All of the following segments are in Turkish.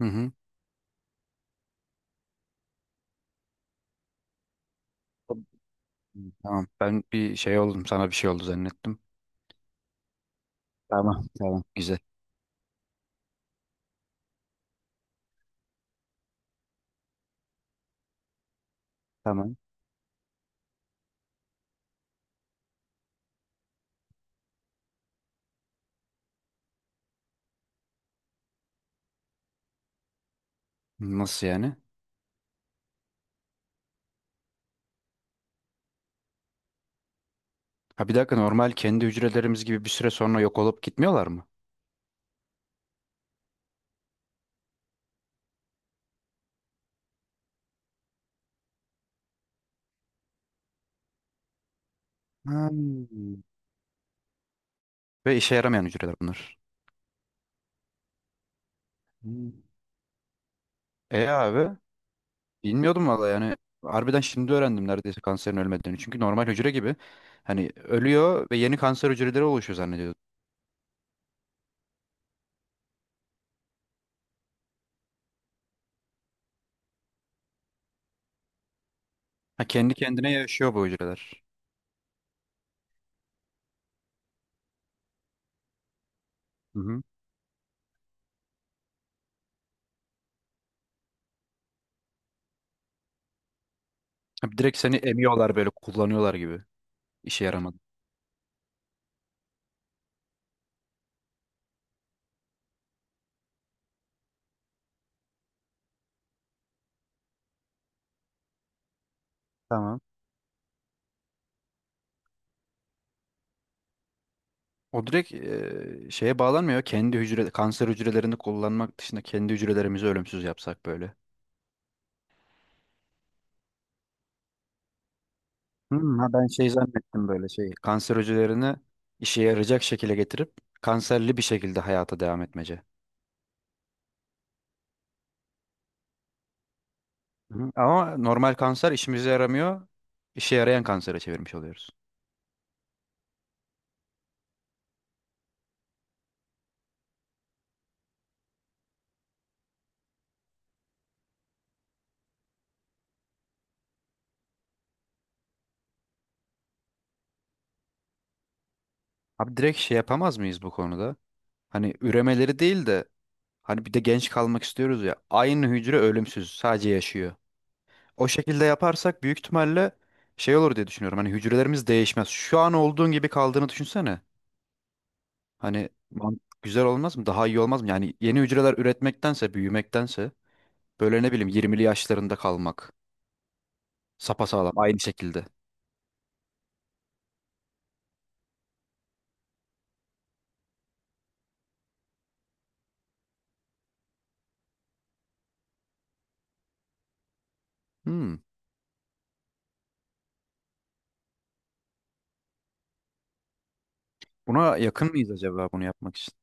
Hı hı. Tamam. Ben bir şey oldum. Sana bir şey oldu zannettim. Tamam. Tamam. Güzel. Tamam. Nasıl yani? Ha, bir dakika, normal kendi hücrelerimiz gibi bir süre sonra yok olup gitmiyorlar mı? Hmm. Ve işe yaramayan hücreler bunlar. Hmm. E abi, bilmiyordum valla yani. Harbiden şimdi öğrendim neredeyse kanserin ölmediğini. Çünkü normal hücre gibi hani ölüyor ve yeni kanser hücreleri oluşuyor zannediyordum. Ha, kendi kendine yaşıyor bu hücreler. Hı hı. Ha, direkt seni emiyorlar, böyle kullanıyorlar gibi. İşe yaramadı. Tamam. O direkt şeye bağlanmıyor. Kendi hücre kanser hücrelerini kullanmak dışında kendi hücrelerimizi ölümsüz yapsak böyle. Hmm, ha, ben şey zannettim, böyle şey. Kanser hücrelerini işe yarayacak şekilde getirip kanserli bir şekilde hayata devam etmece. Hı. Ama normal kanser işimize yaramıyor. İşe yarayan kansere çevirmiş oluyoruz. Abi, direkt şey yapamaz mıyız bu konuda? Hani üremeleri değil de hani bir de genç kalmak istiyoruz ya. Aynı hücre ölümsüz, sadece yaşıyor. O şekilde yaparsak büyük ihtimalle şey olur diye düşünüyorum. Hani hücrelerimiz değişmez. Şu an olduğun gibi kaldığını düşünsene. Hani güzel olmaz mı? Daha iyi olmaz mı? Yani yeni hücreler üretmektense, büyümektense, böyle ne bileyim, 20'li yaşlarında kalmak. Sapasağlam aynı şekilde. Hmm. Buna yakın mıyız acaba bunu yapmak için?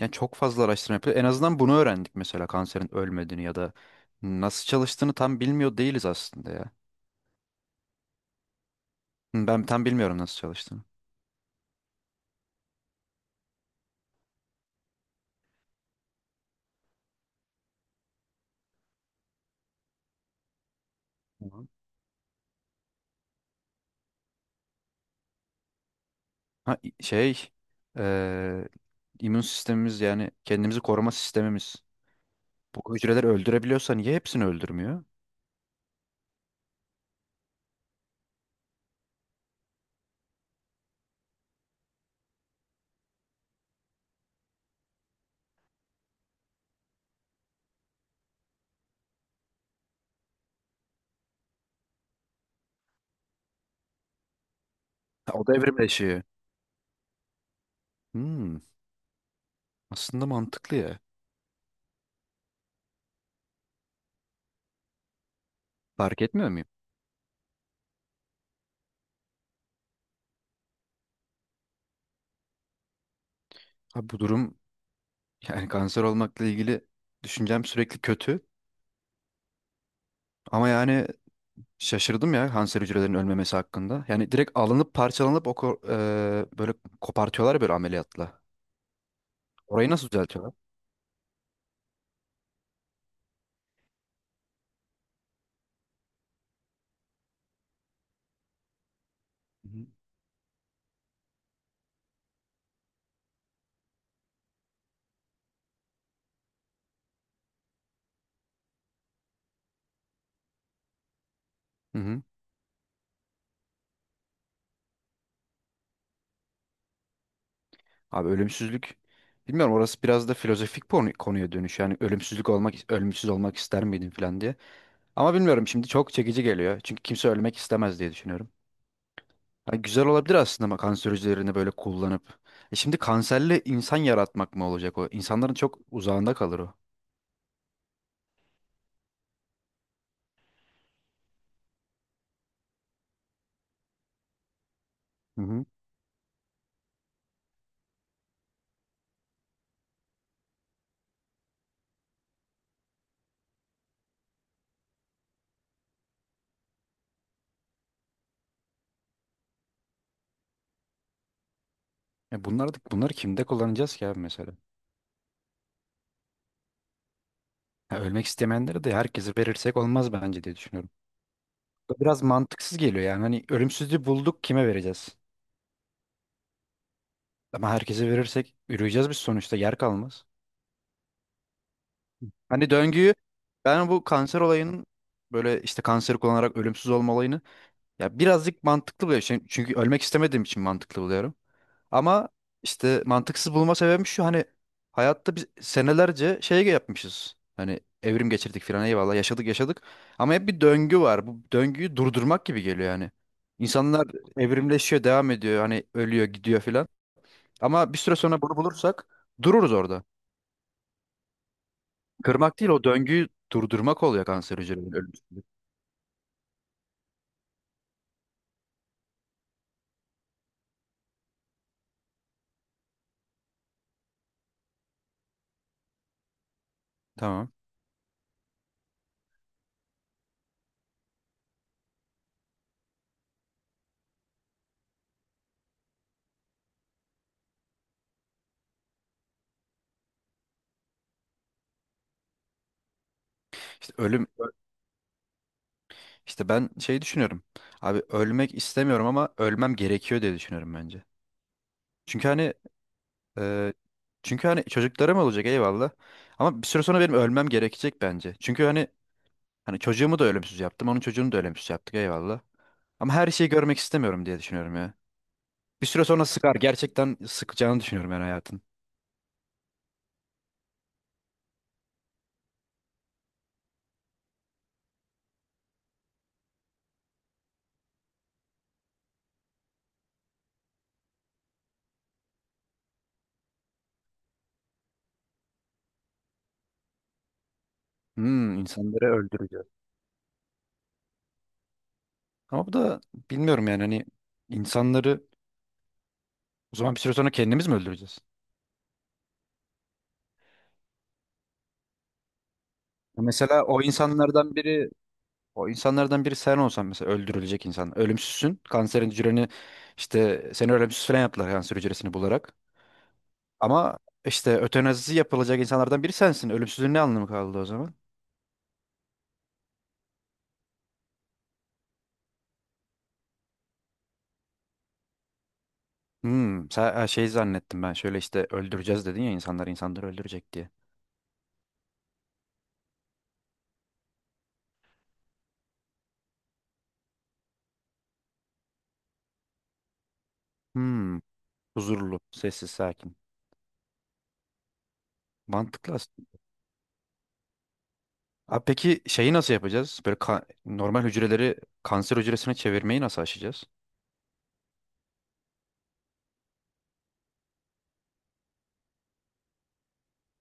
Yani çok fazla araştırma yapıyor. En azından bunu öğrendik mesela, kanserin ölmediğini ya da nasıl çalıştığını tam bilmiyor değiliz aslında ya. Hmm, ben tam bilmiyorum nasıl çalıştığını. Ha, i- şey eee immün sistemimiz, yani kendimizi koruma sistemimiz. Bu hücreleri öldürebiliyorsa niye hepsini öldürmüyor? Ha, o da evrimleşiyor. Hmm, aslında mantıklı ya. Fark etmiyor muyum? Ha, bu durum, yani kanser olmakla ilgili düşüncem sürekli kötü. Ama yani şaşırdım ya kanser hücrelerinin ölmemesi hakkında. Yani direkt alınıp parçalanıp böyle kopartıyorlar ya böyle ameliyatla. Orayı nasıl düzeltiyorlar? Hı hı. Hı hı. Abi, ölümsüzlük, bilmiyorum, orası biraz da filozofik konu, konuya dönüş. Yani ölümsüz olmak ister miydin falan diye. Ama bilmiyorum, şimdi çok çekici geliyor. Çünkü kimse ölmek istemez diye düşünüyorum. Ha, güzel olabilir aslında ama kanser hücrelerini böyle kullanıp. E şimdi kanserli insan yaratmak mı olacak o? İnsanların çok uzağında kalır o. Hı hı. Bunları kimde kullanacağız ki abi mesela? Ha, ölmek istemeyenlere de, herkese verirsek olmaz bence diye düşünüyorum. Biraz mantıksız geliyor yani. Hani ölümsüzlüğü bulduk, kime vereceğiz? Ama herkese verirsek yürüyeceğiz, biz sonuçta yer kalmaz. Hani döngüyü, ben bu kanser olayının, böyle işte kanseri kullanarak ölümsüz olma olayını, ya birazcık mantıklı buluyorum. Çünkü ölmek istemediğim için mantıklı buluyorum. Ama işte mantıksız bulma sebebim şu, hani hayatta biz senelerce şey yapmışız. Hani evrim geçirdik filan, eyvallah, yaşadık yaşadık. Ama hep bir döngü var. Bu döngüyü durdurmak gibi geliyor yani. İnsanlar evrimleşiyor, devam ediyor. Hani ölüyor, gidiyor filan. Ama bir süre sonra bunu bulursak dururuz orada. Kırmak değil, o döngüyü durdurmak oluyor kanser hücrelerinin ölümsüzlük. Tamam. İşte ölüm işte ben şey düşünüyorum. Abi, ölmek istemiyorum ama ölmem gerekiyor diye düşünüyorum bence. Çünkü hani e, çünkü hani çocuklarım olacak, eyvallah. Ama bir süre sonra benim ölmem gerekecek bence. Çünkü hani çocuğumu da ölümsüz yaptım, onun çocuğunu da ölümsüz yaptık, eyvallah. Ama her şeyi görmek istemiyorum diye düşünüyorum ya. Bir süre sonra sıkar. Gerçekten sıkacağını düşünüyorum ben hayatın. Hmm, insanları öldüreceğiz. Ama bu da bilmiyorum yani, hani insanları, o zaman bir süre sonra kendimiz mi öldüreceğiz? Mesela o insanlardan biri sen olsan mesela, öldürülecek insan. Ölümsüzsün. Kanserin hücreni, işte seni ölümsüz falan yaptılar kanser hücresini bularak. Ama işte ötenazisi yapılacak insanlardan biri sensin. Ölümsüzlüğün ne anlamı kaldı o zaman? Hmm, sen, ha, şey zannettim ben. Şöyle işte öldüreceğiz dedin ya, insanlar insanları öldürecek diye. Hmm, huzurlu, sessiz, sakin. Mantıklı aslında. Abi peki şeyi nasıl yapacağız? Normal hücreleri kanser hücresine çevirmeyi nasıl aşacağız?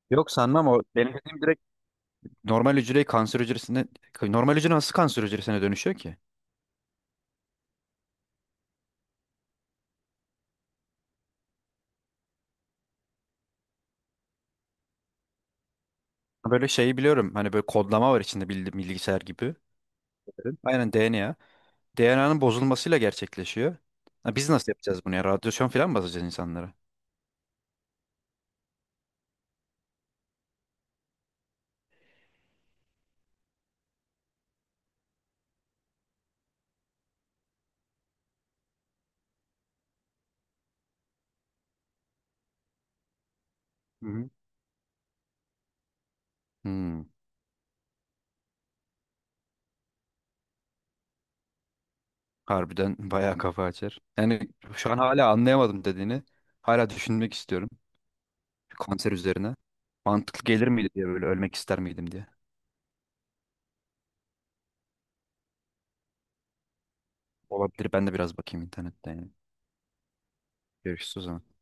Yok, sanmam o. Benim dediğim direkt normal hücreyi kanser hücresine normal hücre nasıl kanser hücresine dönüşüyor ki? Böyle şeyi biliyorum. Hani böyle kodlama var içinde, bilgisayar gibi. Evet. Aynen DNA. DNA'nın bozulmasıyla gerçekleşiyor. Ha, biz nasıl yapacağız bunu ya? Radyasyon falan mı basacağız insanlara? Hı hı. Hmm, harbiden bayağı kafa açar. Yani şu an hala anlayamadım dediğini. Hala düşünmek istiyorum. Kanser üzerine. Mantıklı gelir miydi diye, böyle ölmek ister miydim diye. Olabilir, ben de biraz bakayım internetten yani. Görüşürüz o zaman.